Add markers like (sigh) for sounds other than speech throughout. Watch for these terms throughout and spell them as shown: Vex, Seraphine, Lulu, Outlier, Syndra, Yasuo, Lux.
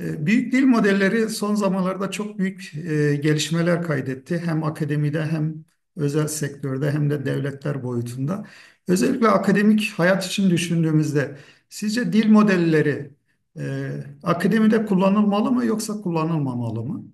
Büyük dil modelleri son zamanlarda çok büyük gelişmeler kaydetti. Hem akademide hem özel sektörde hem de devletler boyutunda. Özellikle akademik hayat için düşündüğümüzde sizce dil modelleri e, akademide kullanılmalı mı yoksa kullanılmamalı mı?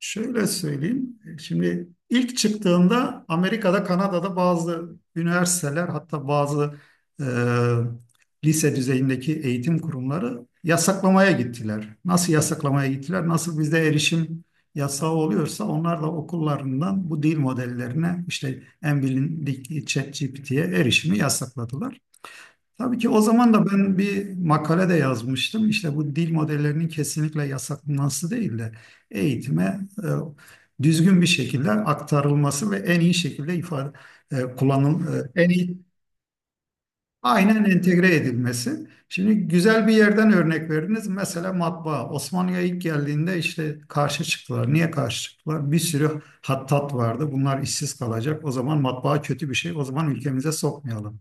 Şöyle söyleyeyim. Şimdi ilk çıktığında Amerika'da, Kanada'da bazı üniversiteler hatta bazı e, lise düzeyindeki eğitim kurumları yasaklamaya gittiler. Nasıl yasaklamaya gittiler? Nasıl bizde erişim yasağı oluyorsa onlar da okullarından bu dil modellerine işte en bilindik ChatGPT'ye erişimi yasakladılar. Tabii ki o zaman da ben bir makale de yazmıştım. İşte bu dil modellerinin kesinlikle yasaklanması değil de eğitime düzgün bir şekilde aktarılması ve en iyi şekilde ifade e, kullanıl e, en iyi aynen entegre edilmesi. Şimdi güzel bir yerden örnek verdiniz. Mesela matbaa. Osmanlı'ya ilk geldiğinde işte karşı çıktılar. Niye karşı çıktılar? Bir sürü hattat vardı. Bunlar işsiz kalacak. O zaman matbaa kötü bir şey. O zaman ülkemize sokmayalım.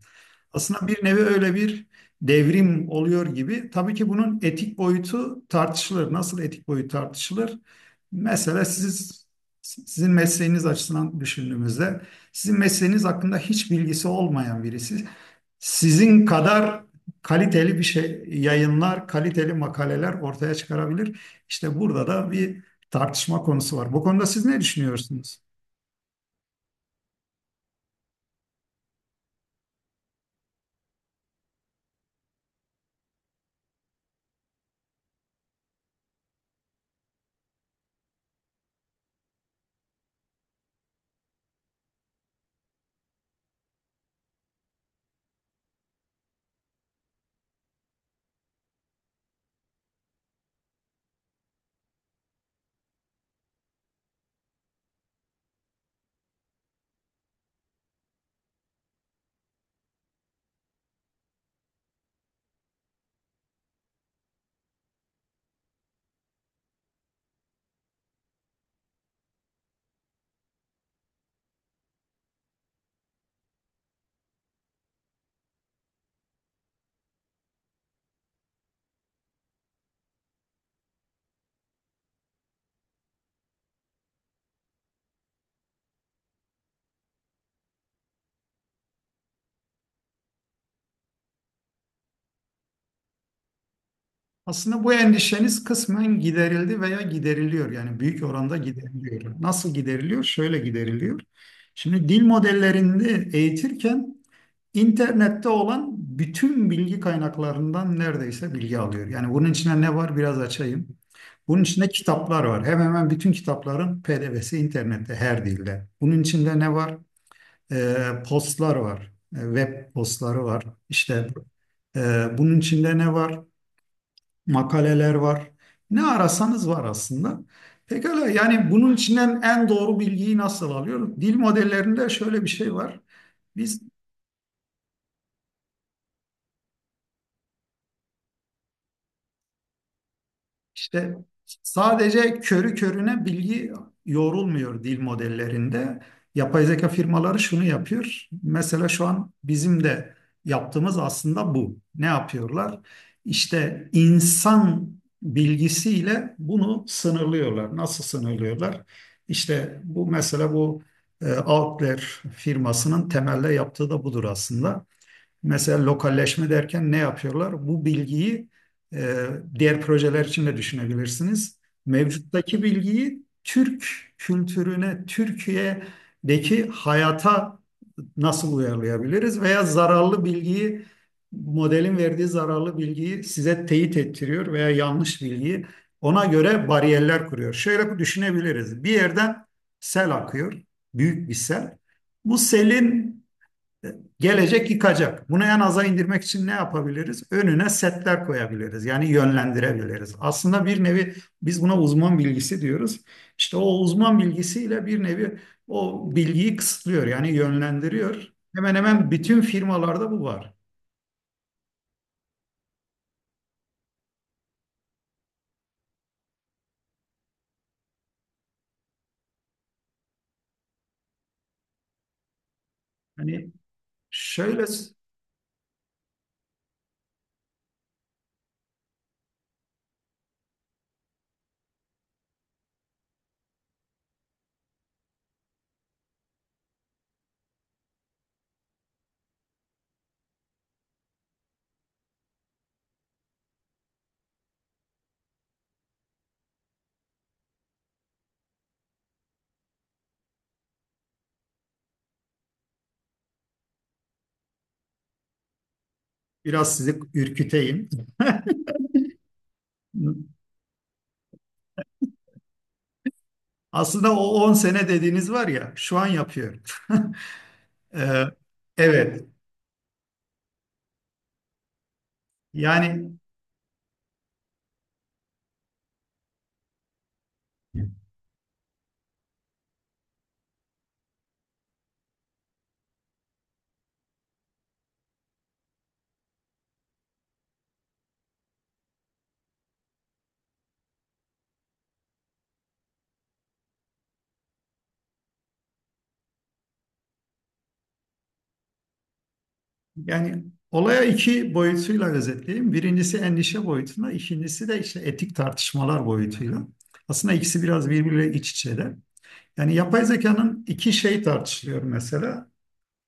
Aslında bir nevi öyle bir devrim oluyor gibi. Tabii ki bunun etik boyutu tartışılır. Nasıl etik boyut tartışılır? Mesela siz sizin mesleğiniz açısından düşündüğümüzde sizin mesleğiniz hakkında hiç bilgisi olmayan birisi sizin kadar kaliteli bir şey yayınlar, kaliteli makaleler ortaya çıkarabilir. İşte burada da bir tartışma konusu var. Bu konuda siz ne düşünüyorsunuz? Aslında bu endişeniz kısmen giderildi veya gideriliyor. Yani büyük oranda gideriliyor. Nasıl gideriliyor? Şöyle gideriliyor. Şimdi dil modellerini eğitirken İnternette olan bütün bilgi kaynaklarından neredeyse bilgi alıyor. Yani bunun içine ne var biraz açayım. Bunun içinde kitaplar var. Hemen hemen bütün kitapların PDF'si internette her dilde. Bunun içinde ne var? Ee, postlar var. Web postları var. İşte bunun içinde ne var? Makaleler var. Ne arasanız var aslında. Pekala yani bunun içinden en doğru bilgiyi nasıl alıyoruz? Dil modellerinde şöyle bir şey var. Biz İşte sadece körü körüne bilgi yoğrulmuyor dil modellerinde. Yapay zeka firmaları şunu yapıyor. Mesela şu an bizim de yaptığımız aslında bu. Ne yapıyorlar? İşte insan bilgisiyle bunu sınırlıyorlar. Nasıl sınırlıyorlar? İşte bu mesela bu Outlier firmasının temelde yaptığı da budur aslında. Mesela lokalleşme derken ne yapıyorlar? Bu bilgiyi e, diğer projeler için de düşünebilirsiniz. Mevcuttaki bilgiyi Türk kültürüne, Türkiye'deki hayata nasıl uyarlayabiliriz? Veya zararlı bilgiyi, modelin verdiği zararlı bilgiyi size teyit ettiriyor veya yanlış bilgiyi ona göre bariyerler kuruyor. Şöyle düşünebiliriz. Bir yerden sel akıyor, büyük bir sel. Bu selin gelecek yıkacak. Bunu en aza indirmek için ne yapabiliriz? Önüne setler koyabiliriz. Yani yönlendirebiliriz. Aslında bir nevi biz buna uzman bilgisi diyoruz. İşte o uzman bilgisiyle bir nevi o bilgiyi kısıtlıyor. Yani yönlendiriyor. Hemen hemen bütün firmalarda bu var. Hani şöyle biraz sizi ürküteyim. Aslında o 10 sene dediğiniz var ya şu an yapıyor. (laughs) Ee, evet. Yani Yani olaya iki boyutuyla özetleyeyim. Birincisi endişe boyutuna, ikincisi de işte etik tartışmalar boyutuyla. Aslında ikisi biraz birbiriyle iç içeler. Yani yapay zekanın iki şey tartışılıyor mesela.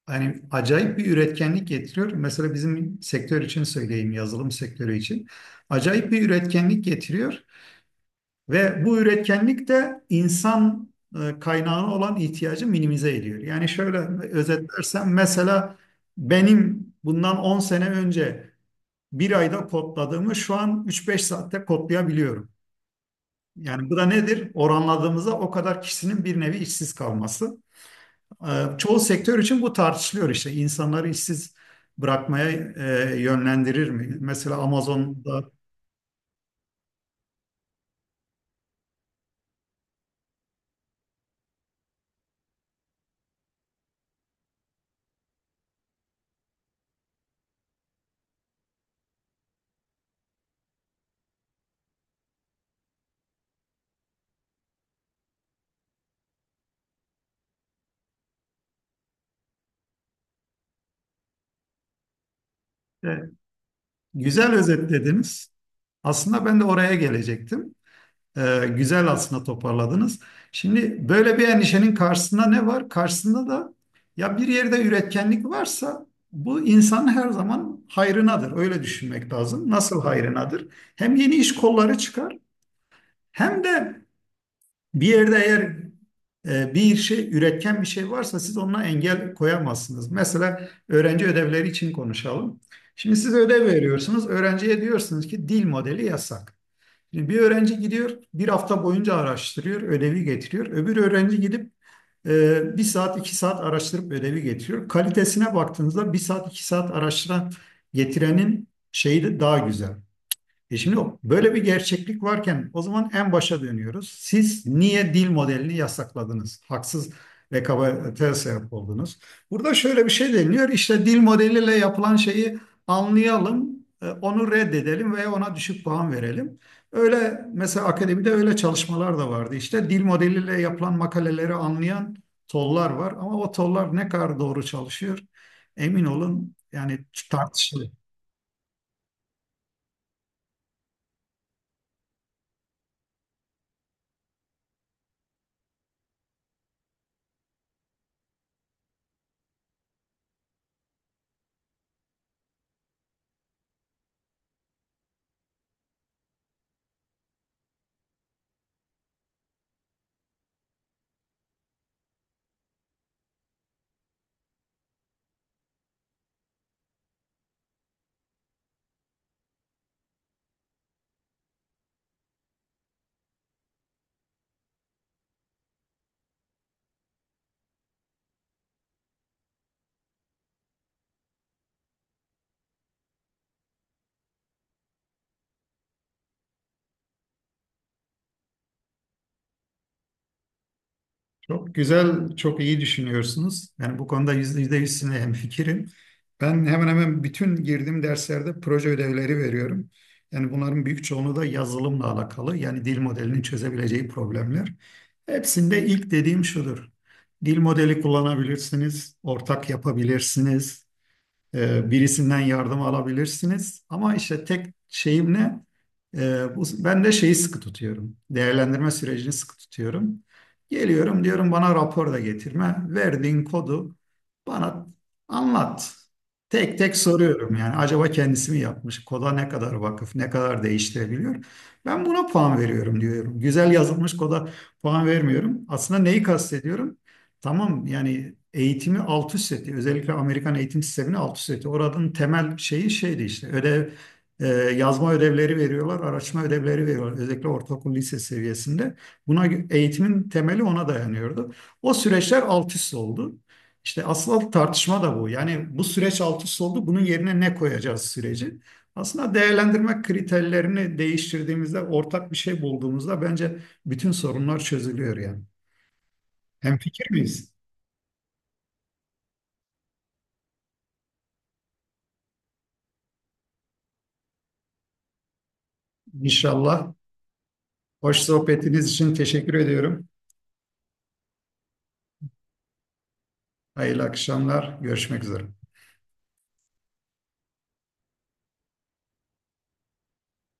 Yani acayip bir üretkenlik getiriyor. Mesela bizim sektör için söyleyeyim, yazılım sektörü için. Acayip bir üretkenlik getiriyor. Ve bu üretkenlik de insan kaynağına olan ihtiyacı minimize ediyor. Yani şöyle özetlersem mesela benim bundan 10 sene önce bir ayda kodladığımı şu an üç beş saatte kodlayabiliyorum. Yani bu da nedir? Oranladığımızda o kadar kişinin bir nevi işsiz kalması. Çoğu sektör için bu tartışılıyor işte. İnsanları işsiz bırakmaya yönlendirir mi? Mesela Amazon'da e, güzel özetlediniz. Aslında ben de oraya gelecektim. Güzel aslında toparladınız. Şimdi böyle bir endişenin karşısında ne var? Karşısında da ya bir yerde üretkenlik varsa bu insanın her zaman hayrınadır. Öyle düşünmek lazım. Nasıl hayrınadır? Hem yeni iş kolları çıkar hem de bir yerde eğer bir şey üretken bir şey varsa siz ona engel koyamazsınız. Mesela öğrenci ödevleri için konuşalım. Şimdi siz ödev veriyorsunuz. Öğrenciye diyorsunuz ki dil modeli yasak. Şimdi bir öğrenci gidiyor, bir hafta boyunca araştırıyor, ödevi getiriyor. Öbür öğrenci gidip bir saat, iki saat araştırıp ödevi getiriyor. Kalitesine baktığınızda bir saat, iki saat araştıran getirenin şeyi de daha güzel. Böyle bir gerçeklik varken o zaman en başa dönüyoruz. Siz niye dil modelini yasakladınız? Haksız rekabete sebep oldunuz. Burada şöyle bir şey deniliyor. İşte dil modeliyle yapılan şeyi anlayalım, onu reddedelim veya ona düşük puan verelim. Öyle mesela akademide öyle çalışmalar da vardı. İşte dil modeliyle yapılan makaleleri anlayan tollar var ama o tollar ne kadar doğru çalışıyor emin olun yani tartışılır. Çok güzel, çok iyi düşünüyorsunuz. Yani bu konuda yüzde yüz sizinle hemfikirim. Ben hemen hemen bütün girdiğim derslerde proje ödevleri veriyorum. Yani bunların büyük çoğunluğu da yazılımla alakalı. Yani dil modelinin çözebileceği problemler. Hepsinde ilk dediğim şudur. Dil modeli kullanabilirsiniz, ortak yapabilirsiniz. Birisinden yardım alabilirsiniz. Ama işte tek şeyim ne? Ben de şeyi sıkı tutuyorum. Değerlendirme sürecini sıkı tutuyorum. Geliyorum diyorum bana rapor da getirme. Verdiğin kodu bana anlat. Tek tek soruyorum yani acaba kendisi mi yapmış? Koda ne kadar vakıf, ne kadar değiştirebiliyor? Ben buna puan veriyorum diyorum. Güzel yazılmış koda puan vermiyorum. Aslında neyi kastediyorum? Tamam yani eğitimi alt üst etti. Özellikle Amerikan eğitim sistemini alt üst etti. Oranın temel şeyi şeydi işte e, yazma ödevleri veriyorlar, araştırma ödevleri veriyorlar. Özellikle ortaokul lise seviyesinde. Eğitimin temeli ona dayanıyordu. O süreçler alt üst oldu. İşte asıl tartışma da bu. Yani bu süreç alt üst oldu. Bunun yerine ne koyacağız süreci? Aslında değerlendirme kriterlerini değiştirdiğimizde, ortak bir şey bulduğumuzda bence bütün sorunlar çözülüyor yani. Hemfikir miyiz? İnşallah. Hoş sohbetiniz için teşekkür ediyorum. Hayırlı akşamlar. Görüşmek üzere.